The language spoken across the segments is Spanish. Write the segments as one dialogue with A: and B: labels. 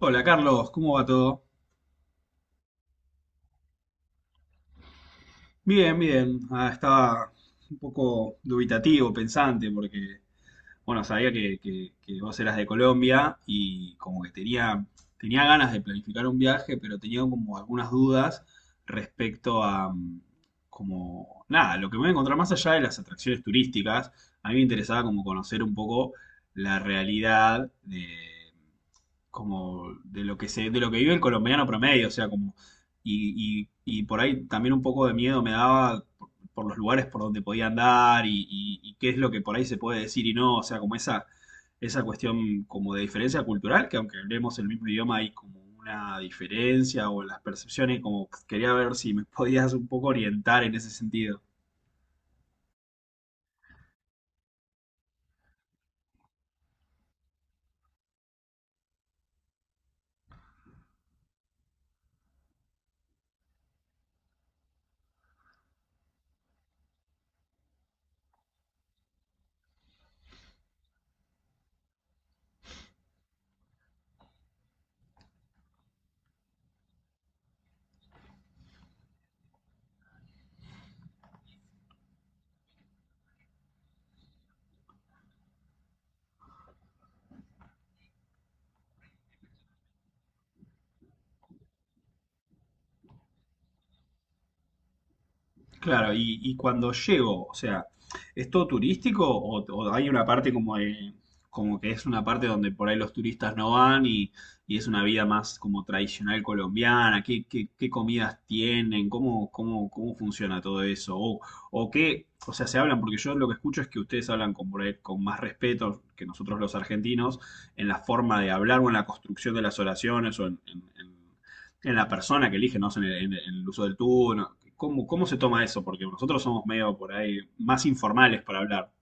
A: Hola Carlos, ¿cómo va todo? Bien, bien. Estaba un poco dubitativo, pensante, porque bueno, sabía que vos eras de Colombia y como que tenía ganas de planificar un viaje, pero tenía como algunas dudas respecto a, como, nada, lo que me voy a encontrar más allá de las atracciones turísticas. A mí me interesaba como conocer un poco la realidad de, como, de lo que de lo que vive el colombiano promedio, o sea, como, y por ahí también un poco de miedo me daba por los lugares por donde podía andar, y qué es lo que por ahí se puede decir y no, o sea, como esa cuestión como de diferencia cultural, que aunque hablemos el mismo idioma hay como una diferencia o las percepciones, como quería ver si me podías un poco orientar en ese sentido. Claro, y cuando llego, o sea, ¿es todo turístico o hay una parte como que es una parte donde por ahí los turistas no van y es una vida más como tradicional colombiana? ¿Qué, qué comidas tienen? ¿Cómo, cómo, cómo funciona todo eso? O qué, o sea, se hablan, porque yo lo que escucho es que ustedes hablan con, por ahí con más respeto que nosotros los argentinos en la forma de hablar o en la construcción de las oraciones o en la persona que elige, no sé, en el uso del tú. ¿Cómo, cómo se toma eso? Porque nosotros somos medio por ahí más informales para hablar.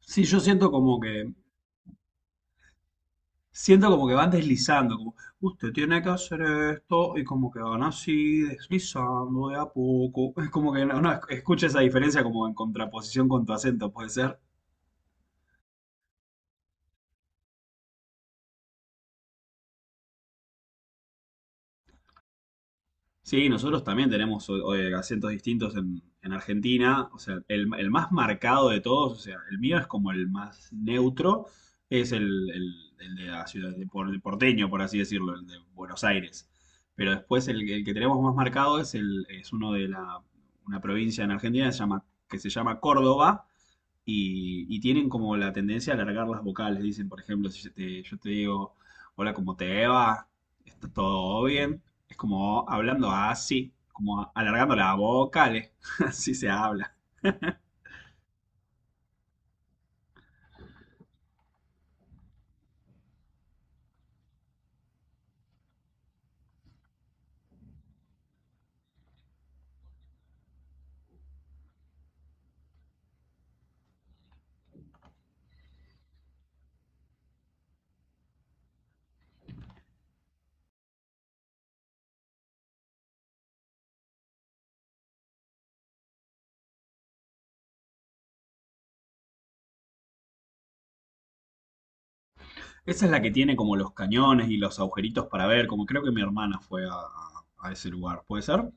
A: Sí, yo siento como que van deslizando, como usted tiene que hacer esto y como que van así deslizando de a poco. Es como que no, no, escucha esa diferencia como en contraposición con tu acento, puede ser. Sí, nosotros también tenemos acentos distintos en Argentina. O sea, el más marcado de todos, o sea, el mío es como el más neutro, es el de la ciudad, el porteño, por así decirlo, el de Buenos Aires. Pero después el que tenemos más marcado es, el, es uno de la, una provincia en Argentina que se llama Córdoba, y tienen como la tendencia a alargar las vocales. Dicen, por ejemplo, si yo te, yo te digo, hola, ¿cómo te va? ¿Está todo bien? Es como hablando así, como alargando las vocales, así se habla. Esa es la que tiene como los cañones y los agujeritos para ver, como creo que mi hermana fue a ese lugar, ¿puede ser?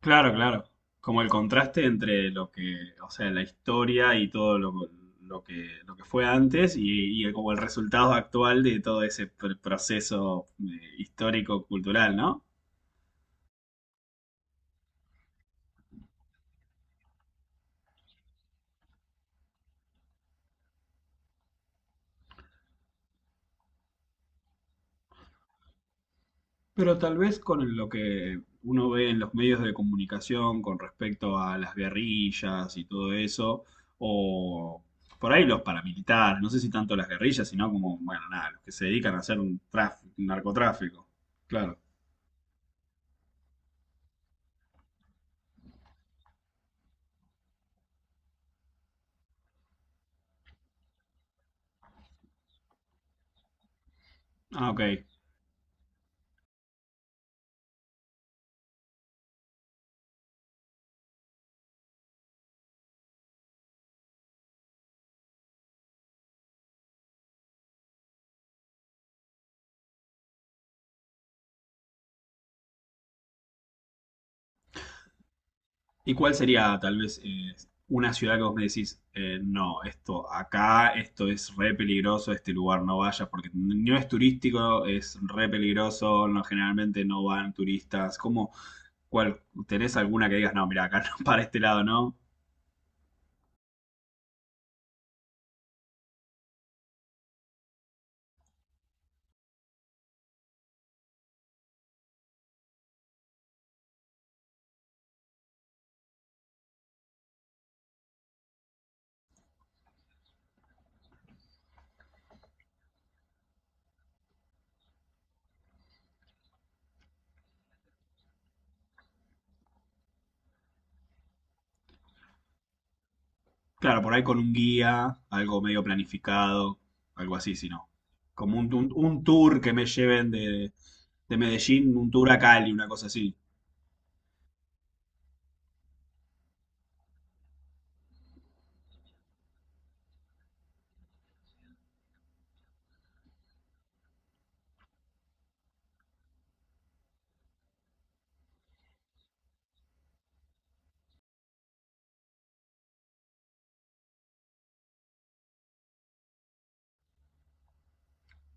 A: Claro, claro. Como el contraste entre lo que, o sea, la historia y todo lo que fue antes y como el resultado actual de todo ese proceso histórico-cultural, ¿no? Pero tal vez con lo que uno ve en los medios de comunicación con respecto a las guerrillas y todo eso, o por ahí los paramilitares, no sé si tanto las guerrillas, sino como, bueno, nada, los que se dedican a hacer un tráfico, narcotráfico. Claro. Ah, ok. ¿Y cuál sería tal vez una ciudad que vos me decís, no, esto acá, esto es re peligroso, este lugar no vayas porque no es turístico, es re peligroso, no, generalmente no van turistas? ¿Cómo, cuál, tenés alguna que digas, no, mira, acá no, para este lado, ¿no? Claro, por ahí con un guía, algo medio planificado, algo así, si no. Como un, un tour que me lleven de Medellín, un tour a Cali, una cosa así.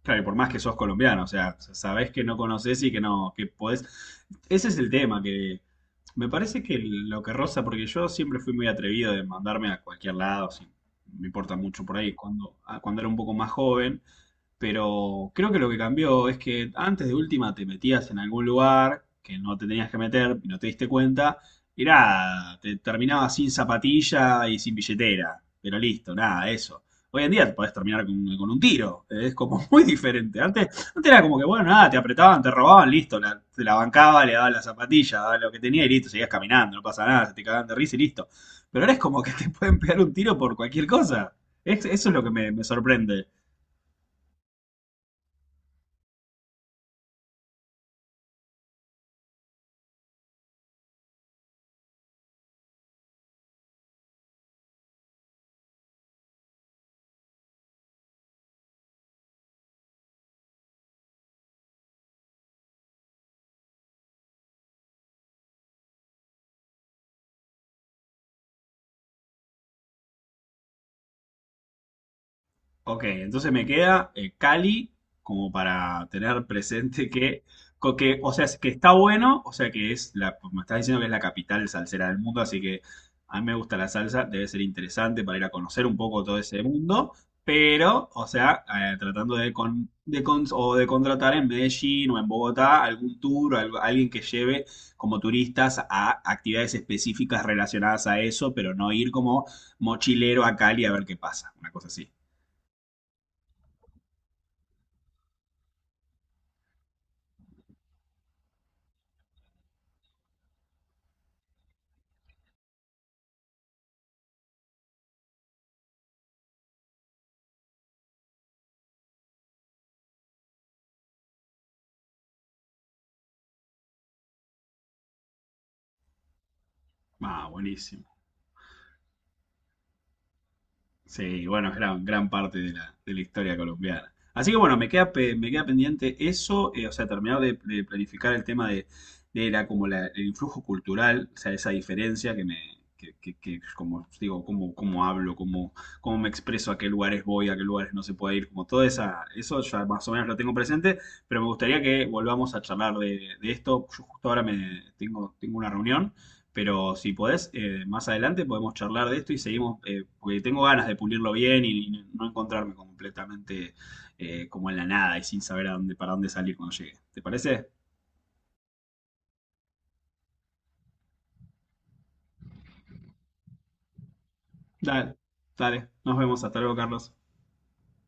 A: Claro, y por más que sos colombiano, o sea, sabés que no conocés y que no, que podés. Ese es el tema, que me parece que lo que roza, porque yo siempre fui muy atrevido de mandarme a cualquier lado, sin- me importa mucho por ahí, cuando, cuando era un poco más joven, pero creo que lo que cambió es que antes de última te metías en algún lugar que no te tenías que meter y no te diste cuenta, y nada, te terminabas sin zapatilla y sin billetera, pero listo, nada, eso. Hoy en día te podés terminar con un tiro. Es como muy diferente. Antes, antes era como que, bueno, nada, te apretaban, te robaban, listo. La, te la bancaba, le daban la zapatilla, daba lo que tenía y listo. Seguías caminando, no pasa nada, se te cagaban de risa y listo. Pero ahora es como que te pueden pegar un tiro por cualquier cosa. Eso es lo que me sorprende. Ok, entonces me queda Cali como para tener presente que, que, o sea, que está bueno, o sea que es la, me estás diciendo que es la capital salsera del mundo, así que a mí me gusta la salsa, debe ser interesante para ir a conocer un poco todo ese mundo, pero, o sea, tratando de, con, o de contratar en Medellín o en Bogotá algún tour, alguien que lleve como turistas a actividades específicas relacionadas a eso, pero no ir como mochilero a Cali a ver qué pasa, una cosa así. Ah, buenísimo. Sí, bueno, es gran, gran parte de la historia colombiana. Así que bueno, me queda, me queda pendiente eso, o sea, terminar de planificar el tema de la, el influjo cultural, o sea, esa diferencia que me, que, como digo, cómo, cómo hablo, cómo, cómo me expreso, a qué lugares voy, a qué lugares no se puede ir, como toda esa, eso ya más o menos lo tengo presente, pero me gustaría que volvamos a charlar de esto. Yo justo ahora me tengo, tengo una reunión. Pero si podés, más adelante podemos charlar de esto y seguimos, porque tengo ganas de pulirlo bien y no encontrarme completamente como en la nada y sin saber a dónde, para dónde salir cuando llegue. ¿Te parece? Dale, dale. Nos vemos. Hasta luego, Carlos.